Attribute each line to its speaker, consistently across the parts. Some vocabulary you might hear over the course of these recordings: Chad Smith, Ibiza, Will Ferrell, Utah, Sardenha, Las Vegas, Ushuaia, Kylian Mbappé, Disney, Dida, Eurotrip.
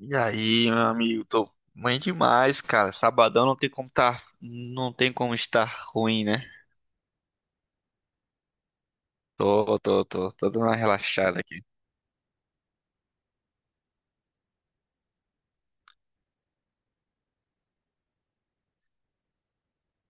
Speaker 1: E aí, meu amigo, tô bem demais, cara. Sabadão não tem como tá, não tem como estar ruim, né? Tô dando uma relaxada aqui.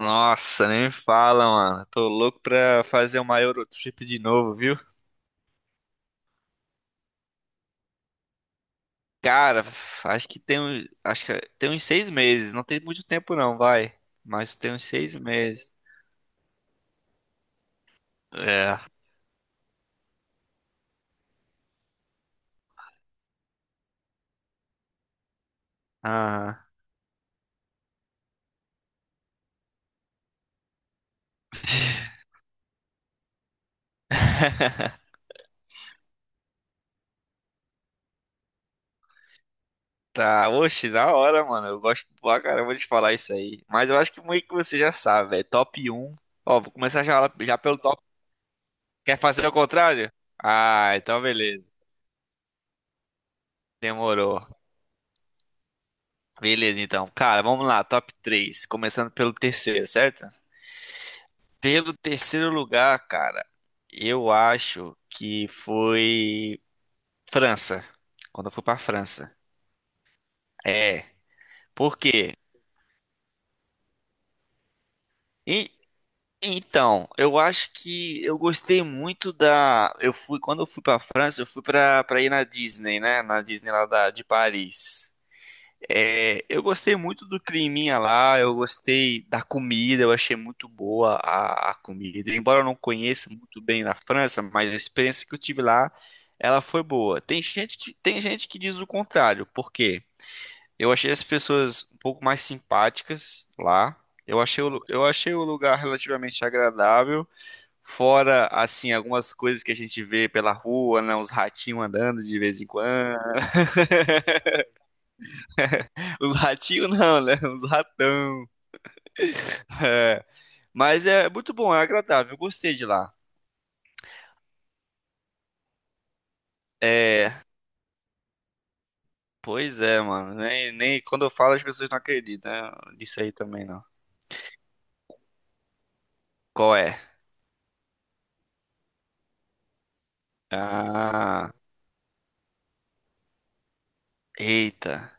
Speaker 1: Nossa, nem me fala, mano. Tô louco pra fazer uma Eurotrip de novo, viu? Cara, acho que tem uns 6 meses. Não tem muito tempo não, vai. Mas tem uns 6 meses. É. Ah. Tá, oxe, na hora, mano. Eu gosto pra caramba de falar isso aí. Mas eu acho que meio que você já sabe, velho. Top um. Ó, vou começar já pelo top. Quer fazer ao contrário? Ah, então beleza. Demorou. Beleza, então. Cara, vamos lá. Top três. Começando pelo terceiro, certo? Pelo terceiro lugar, cara, eu acho que foi França. Quando eu fui pra França. É. Por quê? E Então, eu acho que eu gostei muito da. Eu fui, quando eu fui pra França, eu fui pra ir na Disney, né? Na Disney lá de Paris. É, eu gostei muito do climinha lá, eu gostei da comida, eu achei muito boa a comida. Embora eu não conheça muito bem na França, mas a experiência que eu tive lá, ela foi boa. Tem gente que diz o contrário, por quê? Eu achei as pessoas um pouco mais simpáticas lá. Eu achei o lugar relativamente agradável. Fora, assim, algumas coisas que a gente vê pela rua, né? Uns ratinhos andando de vez em quando. Os ratinhos não, né? Uns ratão. É, mas é muito bom, é agradável. Eu gostei de lá. É, pois é, mano. Nem quando eu falo as pessoas não acreditam, né, nisso aí também, não. Qual é? Ah, eita.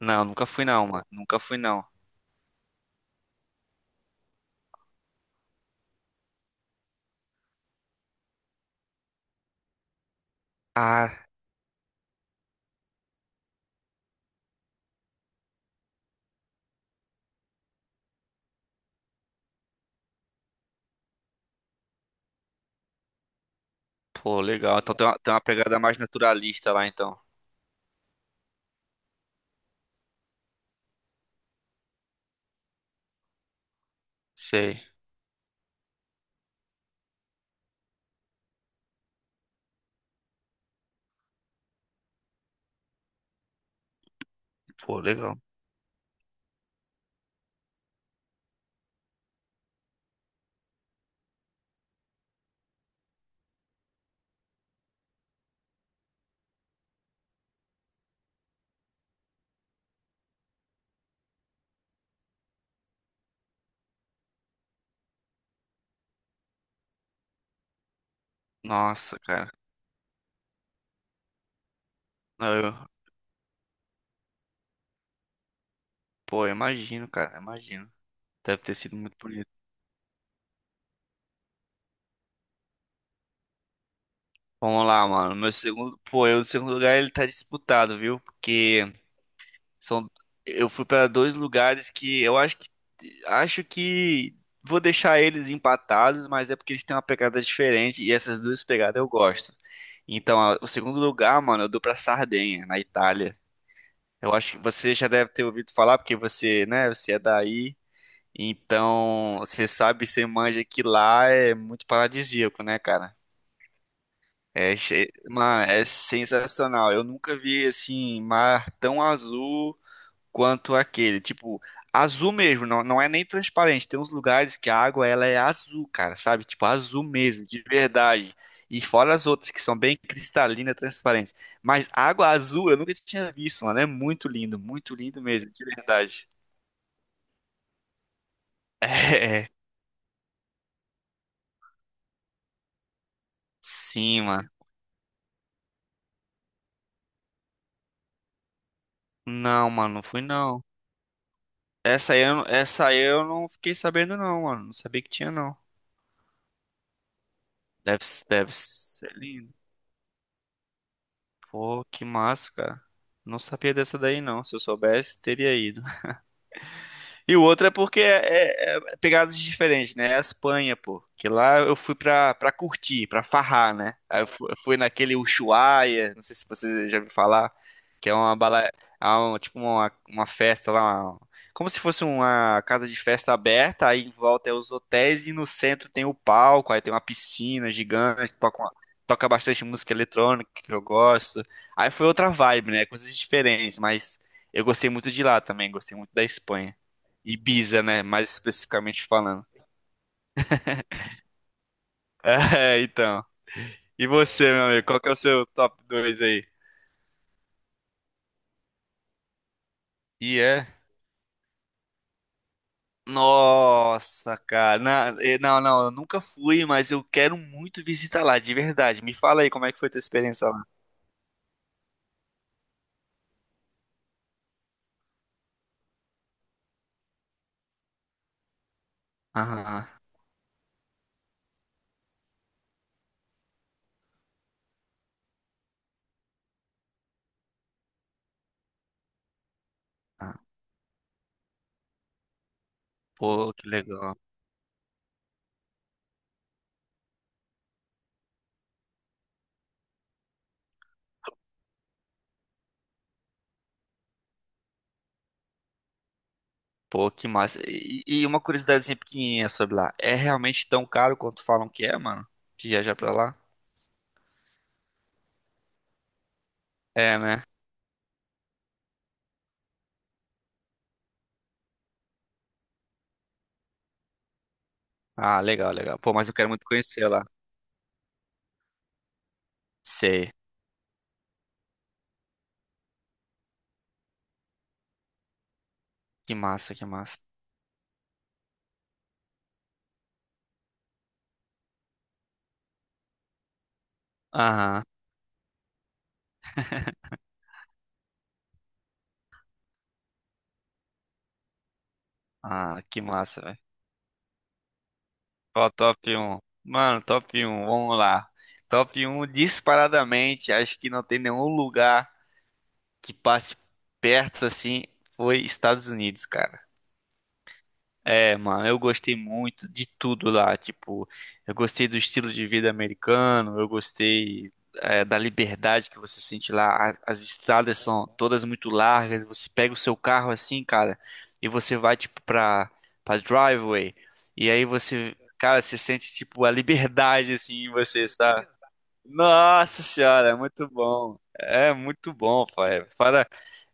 Speaker 1: Não, nunca fui não, mano. Nunca fui não. Ah, pô, legal. Então tem uma pegada mais naturalista lá, então. Sei. Pô, legal. Nossa, cara. Eu, pô, eu imagino, cara, eu imagino. Deve ter sido muito bonito. Vamos lá, mano. Meu segundo, o segundo lugar ele tá disputado, viu? Porque são, eu fui pra dois lugares que eu acho que vou deixar eles empatados, mas é porque eles têm uma pegada diferente e essas duas pegadas eu gosto. Então, o segundo lugar, mano, eu dou pra Sardenha, na Itália. Eu acho que você já deve ter ouvido falar porque você, né, você é daí. Então, você sabe, você manja que lá é muito paradisíaco, né, cara? É, mano, é sensacional. Eu nunca vi assim mar tão azul quanto aquele. Tipo, azul mesmo, não é nem transparente. Tem uns lugares que a água ela é azul, cara, sabe? Tipo, azul mesmo, de verdade. E fora as outras que são bem cristalina, transparente. Mas água azul eu nunca tinha visto, mano. É muito lindo mesmo, de verdade. É, sim, mano. Não, mano, não fui não. Essa aí eu não fiquei sabendo não, mano. Não sabia que tinha não. Deve, deve ser lindo. Pô, que massa, cara. Não sabia dessa daí não. Se eu soubesse, teria ido. E o outro é porque é pegadas diferentes, né? É a Espanha, pô. Que lá eu fui pra curtir, pra farrar, né? Eu fui, naquele Ushuaia, não sei se você já ouviu falar, que é uma bala, tipo uma festa lá, uma- como se fosse uma casa de festa aberta, aí em volta é os hotéis e no centro tem o palco, aí tem uma piscina gigante, toca bastante música eletrônica que eu gosto. Aí foi outra vibe, né? Coisas diferentes, mas eu gostei muito de lá também, gostei muito da Espanha. Ibiza, né? Mais especificamente falando. É, então. E você, meu amigo, qual que é o seu top 2 aí? E é? Nossa, cara. Não, não, eu nunca fui, mas eu quero muito visitar lá, de verdade. Me fala aí como é que foi tua experiência lá. Aham. Ah. Pô, que legal. Pô, que massa. E uma curiosidadezinha pequenininha sobre lá. É realmente tão caro quanto falam que é, mano? Viajar pra lá? É, né? Ah, legal, legal. Pô, mas eu quero muito conhecer lá. Sei. Que massa, que massa. Aham. Ah, que massa, velho. Qual o top um, mano, top um, vamos lá. Top um disparadamente, acho que não tem nenhum lugar que passe perto assim, foi Estados Unidos, cara. É, mano, eu gostei muito de tudo lá. Tipo, eu gostei do estilo de vida americano, eu gostei, é, da liberdade que você sente lá. As estradas são todas muito largas. Você pega o seu carro assim, cara, e você vai, tipo, pra driveway. E aí você, cara, você sente, tipo, a liberdade, assim, em você, sabe? Nossa senhora, é muito bom. É muito bom, pai. Fora,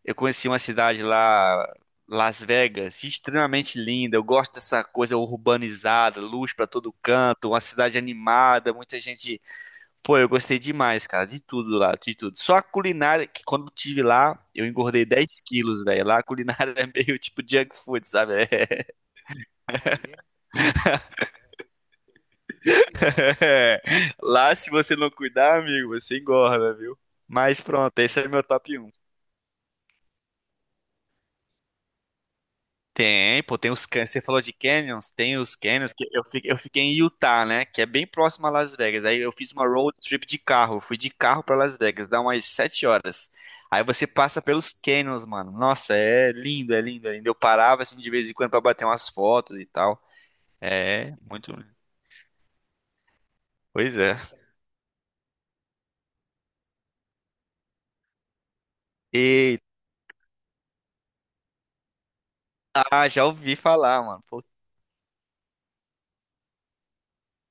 Speaker 1: eu conheci uma cidade lá, Las Vegas, extremamente linda. Eu gosto dessa coisa urbanizada, luz pra todo canto, uma cidade animada, muita gente. Pô, eu gostei demais, cara, de tudo lá, de tudo. Só a culinária, que quando eu tive lá, eu engordei 10 quilos, velho. Lá a culinária é meio tipo junk food, sabe? É. Lá, se você não cuidar, amigo, você engorda, viu? Mas pronto, esse é meu top um. Tem, pô, tem os você falou de canyons, tem os canyons que eu fiquei em Utah, né? Que é bem próximo a Las Vegas. Aí eu fiz uma road trip de carro, fui de carro pra Las Vegas, dá umas 7 horas. Aí você passa pelos canyons, mano. Nossa, é lindo, é lindo, é lindo. Eu parava assim de vez em quando pra bater umas fotos e tal. É, muito. Pois é. E ah, já ouvi falar, mano. Pô,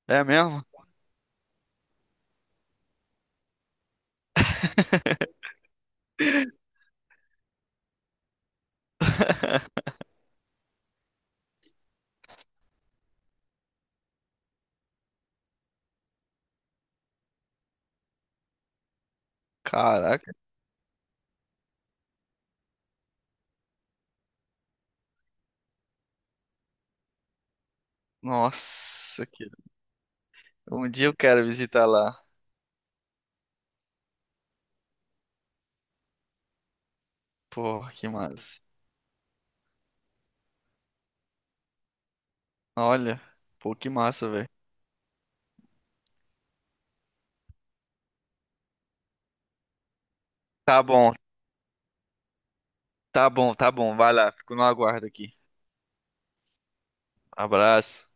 Speaker 1: é mesmo? Caraca, nossa, que... um dia eu quero visitar lá. Pô, que massa. Olha, pô, que massa, velho. Tá bom, tá bom. Vai lá, fico no aguardo aqui. Abraço.